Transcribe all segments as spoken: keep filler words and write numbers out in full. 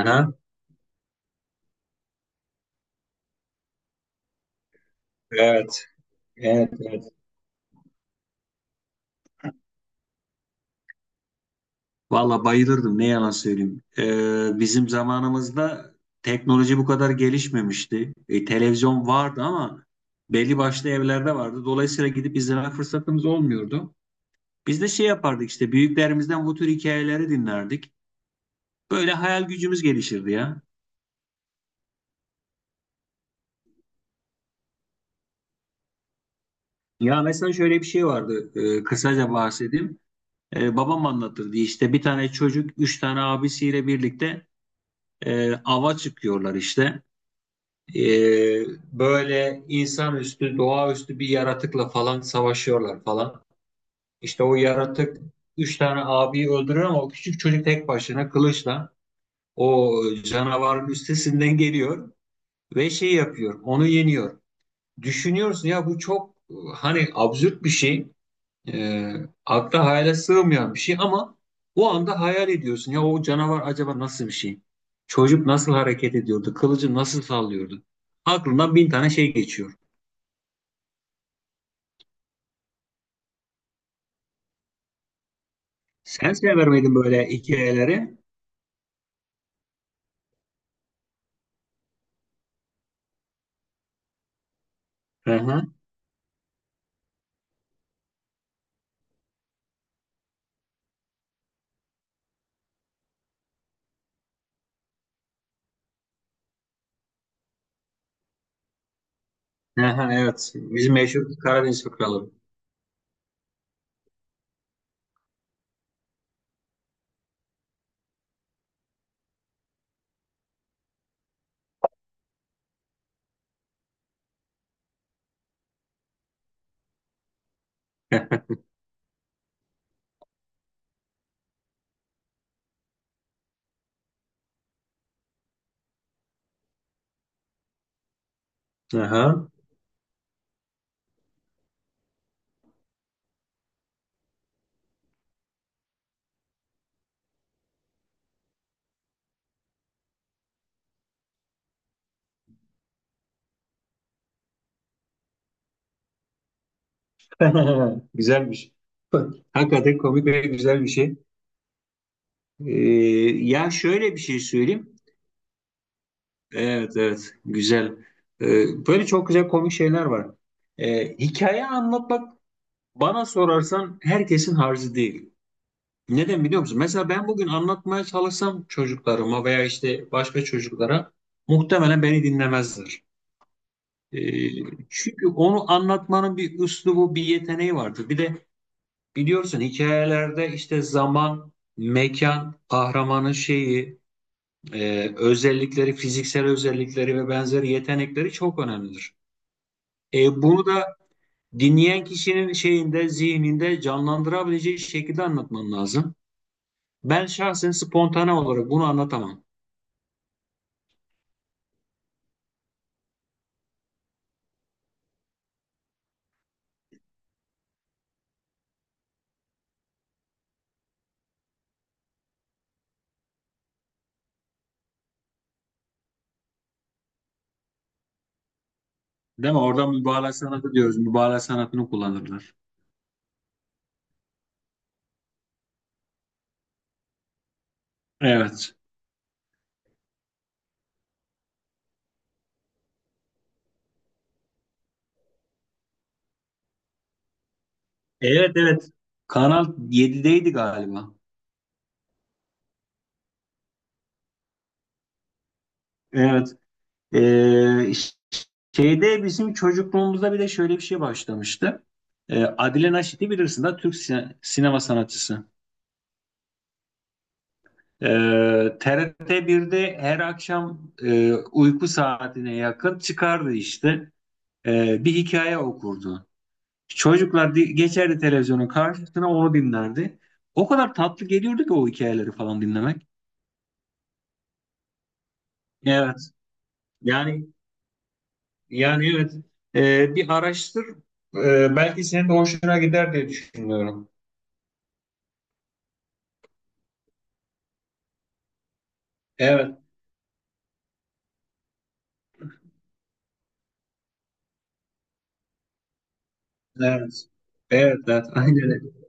Aha. Evet, evet, evet. Valla bayılırdım ne yalan söyleyeyim. Ee, bizim zamanımızda teknoloji bu kadar gelişmemişti. E, televizyon vardı ama belli başlı evlerde vardı. Dolayısıyla gidip izleme fırsatımız olmuyordu. Biz de şey yapardık işte büyüklerimizden bu tür hikayeleri dinlerdik. Böyle hayal gücümüz gelişirdi ya. Ya mesela şöyle bir şey vardı. E, kısaca bahsedeyim. E, babam anlatırdı işte bir tane çocuk üç tane abisiyle birlikte e, ava çıkıyorlar işte. e, Böyle insanüstü, doğaüstü bir yaratıkla falan savaşıyorlar falan. İşte o yaratık üç tane abiyi öldürüyor ama o küçük çocuk tek başına kılıçla o canavarın üstesinden geliyor ve şey yapıyor, onu yeniyor. Düşünüyorsun ya bu çok hani absürt bir şey, e, akla hayale sığmayan bir şey ama o anda hayal ediyorsun ya o canavar acaba nasıl bir şey? Çocuk nasıl hareket ediyordu? Kılıcı nasıl sallıyordu? Aklından bin tane şey geçiyor. Sen sever miydin böyle hikayeleri? Hı hı. Aha, evet. Bizim meşhur Karadeniz fıkraları. Aha. Güzelmiş. Hakikaten komik ve güzel bir şey. Ee, ya şöyle bir şey söyleyeyim. Evet evet güzel. Ee, böyle çok güzel komik şeyler var. Ee, hikaye anlatmak bana sorarsan herkesin harcı değil. Neden biliyor musun? Mesela ben bugün anlatmaya çalışsam çocuklarıma veya işte başka çocuklara muhtemelen beni dinlemezler. Ee, çünkü onu anlatmanın bir üslubu, bir yeteneği vardır. Bir de biliyorsun hikayelerde işte zaman, mekan, kahramanın şeyi, e, özellikleri, fiziksel özellikleri ve benzeri yetenekleri çok önemlidir. E, bunu da dinleyen kişinin şeyinde, zihninde canlandırabileceği şekilde anlatman lazım. Ben şahsen spontane olarak bunu anlatamam. Değil mi? Orada mübalağa sanatı diyoruz. Mübalağa sanatını kullanırlar. Evet. Evet, evet. Kanal yedideydi galiba. Evet. Ee, şeyde bizim çocukluğumuzda bir de şöyle bir şey başlamıştı. Ee, Adile Naşit'i bilirsin de Türk sine- sinema sanatçısı. Ee, T R T birde her akşam e, uyku saatine yakın çıkardı işte. Ee, bir hikaye okurdu. Çocuklar di- geçerdi televizyonun karşısına onu dinlerdi. O kadar tatlı geliyordu ki o hikayeleri falan dinlemek. Evet. Yani Yani evet. e, bir araştır E, belki senin de hoşuna gider diye düşünüyorum. Evet, evet, evet, evet, aynen öyle.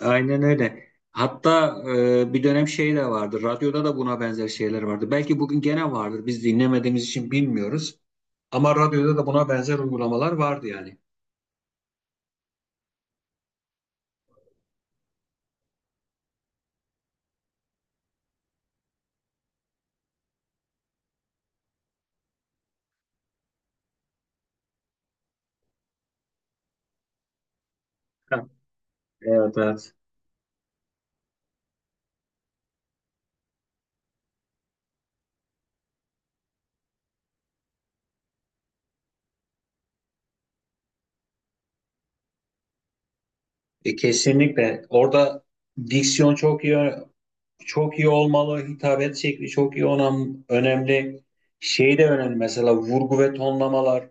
Aynen öyle. Hatta e, bir dönem şey de vardı. Radyoda da buna benzer şeyler vardı. Belki bugün gene vardır. Biz dinlemediğimiz için bilmiyoruz. Ama radyoda da buna benzer uygulamalar vardı yani. Ha, evet, evet. E, kesinlikle. Orada diksiyon çok iyi çok iyi olmalı. Hitabet şekli çok iyi olan önemli. Şey de önemli mesela vurgu ve tonlamalar.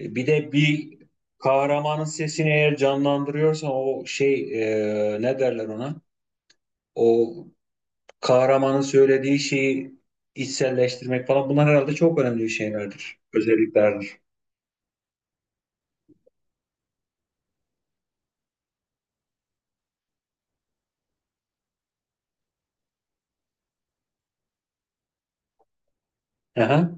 E, Bir de bir kahramanın sesini eğer canlandırıyorsan o şey e, ne derler ona? O kahramanın söylediği şeyi içselleştirmek falan bunlar herhalde çok önemli şeylerdir, özelliklerdir. Aha,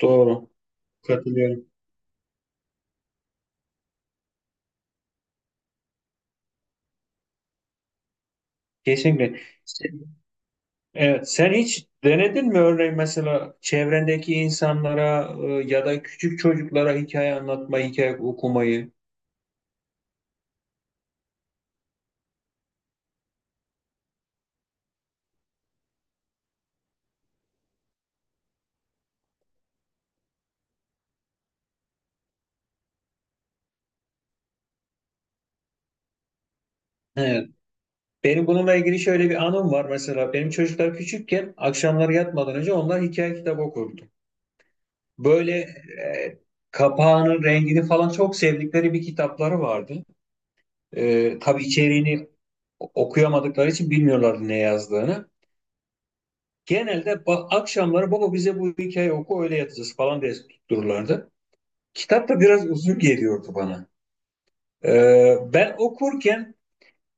doğru. Katılıyorum. Kesinlikle. Evet, sen hiç denedin mi örneğin mesela çevrendeki insanlara e, ya da küçük çocuklara hikaye anlatmayı, hikaye okumayı? Evet. Benim bununla ilgili şöyle bir anım var mesela. Benim çocuklar küçükken akşamları yatmadan önce onlar hikaye kitabı okurdu. Böyle e, kapağının rengini falan çok sevdikleri bir kitapları vardı. E, tabii içeriğini okuyamadıkları için bilmiyorlardı ne yazdığını. Genelde ba- akşamları baba bize bu hikaye oku öyle yatacağız falan diye tuttururlardı. Kitap da biraz uzun geliyordu bana. Ee, ben okurken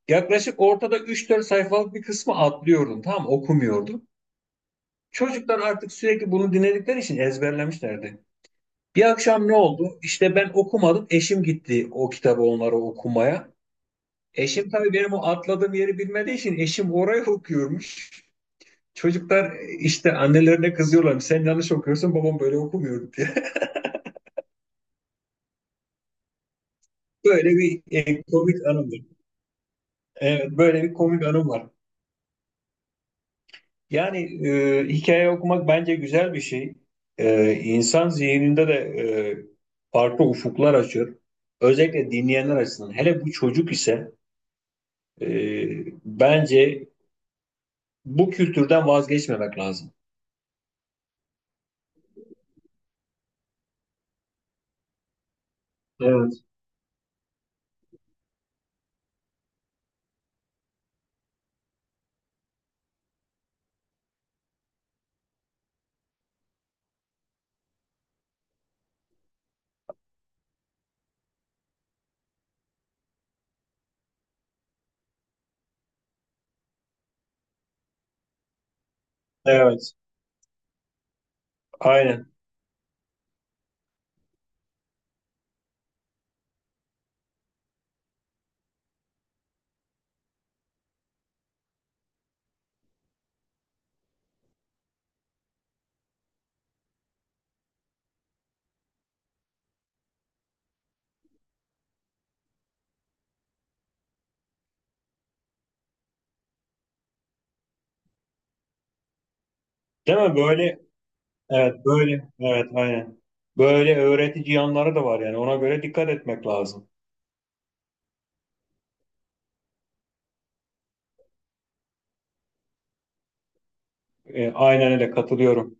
yaklaşık ortada üç dört sayfalık bir kısmı atlıyordum. Tam okumuyordum. Çocuklar artık sürekli bunu dinledikleri için ezberlemişlerdi. Bir akşam ne oldu? İşte ben okumadım. Eşim gitti o kitabı onlara okumaya. Eşim tabii benim o atladığım yeri bilmediği için eşim oraya okuyormuş. Çocuklar işte annelerine kızıyorlar. Sen yanlış okuyorsun, babam böyle okumuyordu diye. Böyle bir e, komik anımdır. Evet, böyle bir komik anım var. Yani e, hikaye okumak bence güzel bir şey. E, insan zihninde de e, farklı ufuklar açıyor. Özellikle dinleyenler açısından. Hele bu çocuk ise e, bence bu kültürden vazgeçmemek lazım. Evet. Evet, aynen. Değil mi? Böyle, evet, böyle, evet, aynen. Böyle öğretici yanları da var yani. Ona göre dikkat etmek lazım. E, aynen öyle katılıyorum.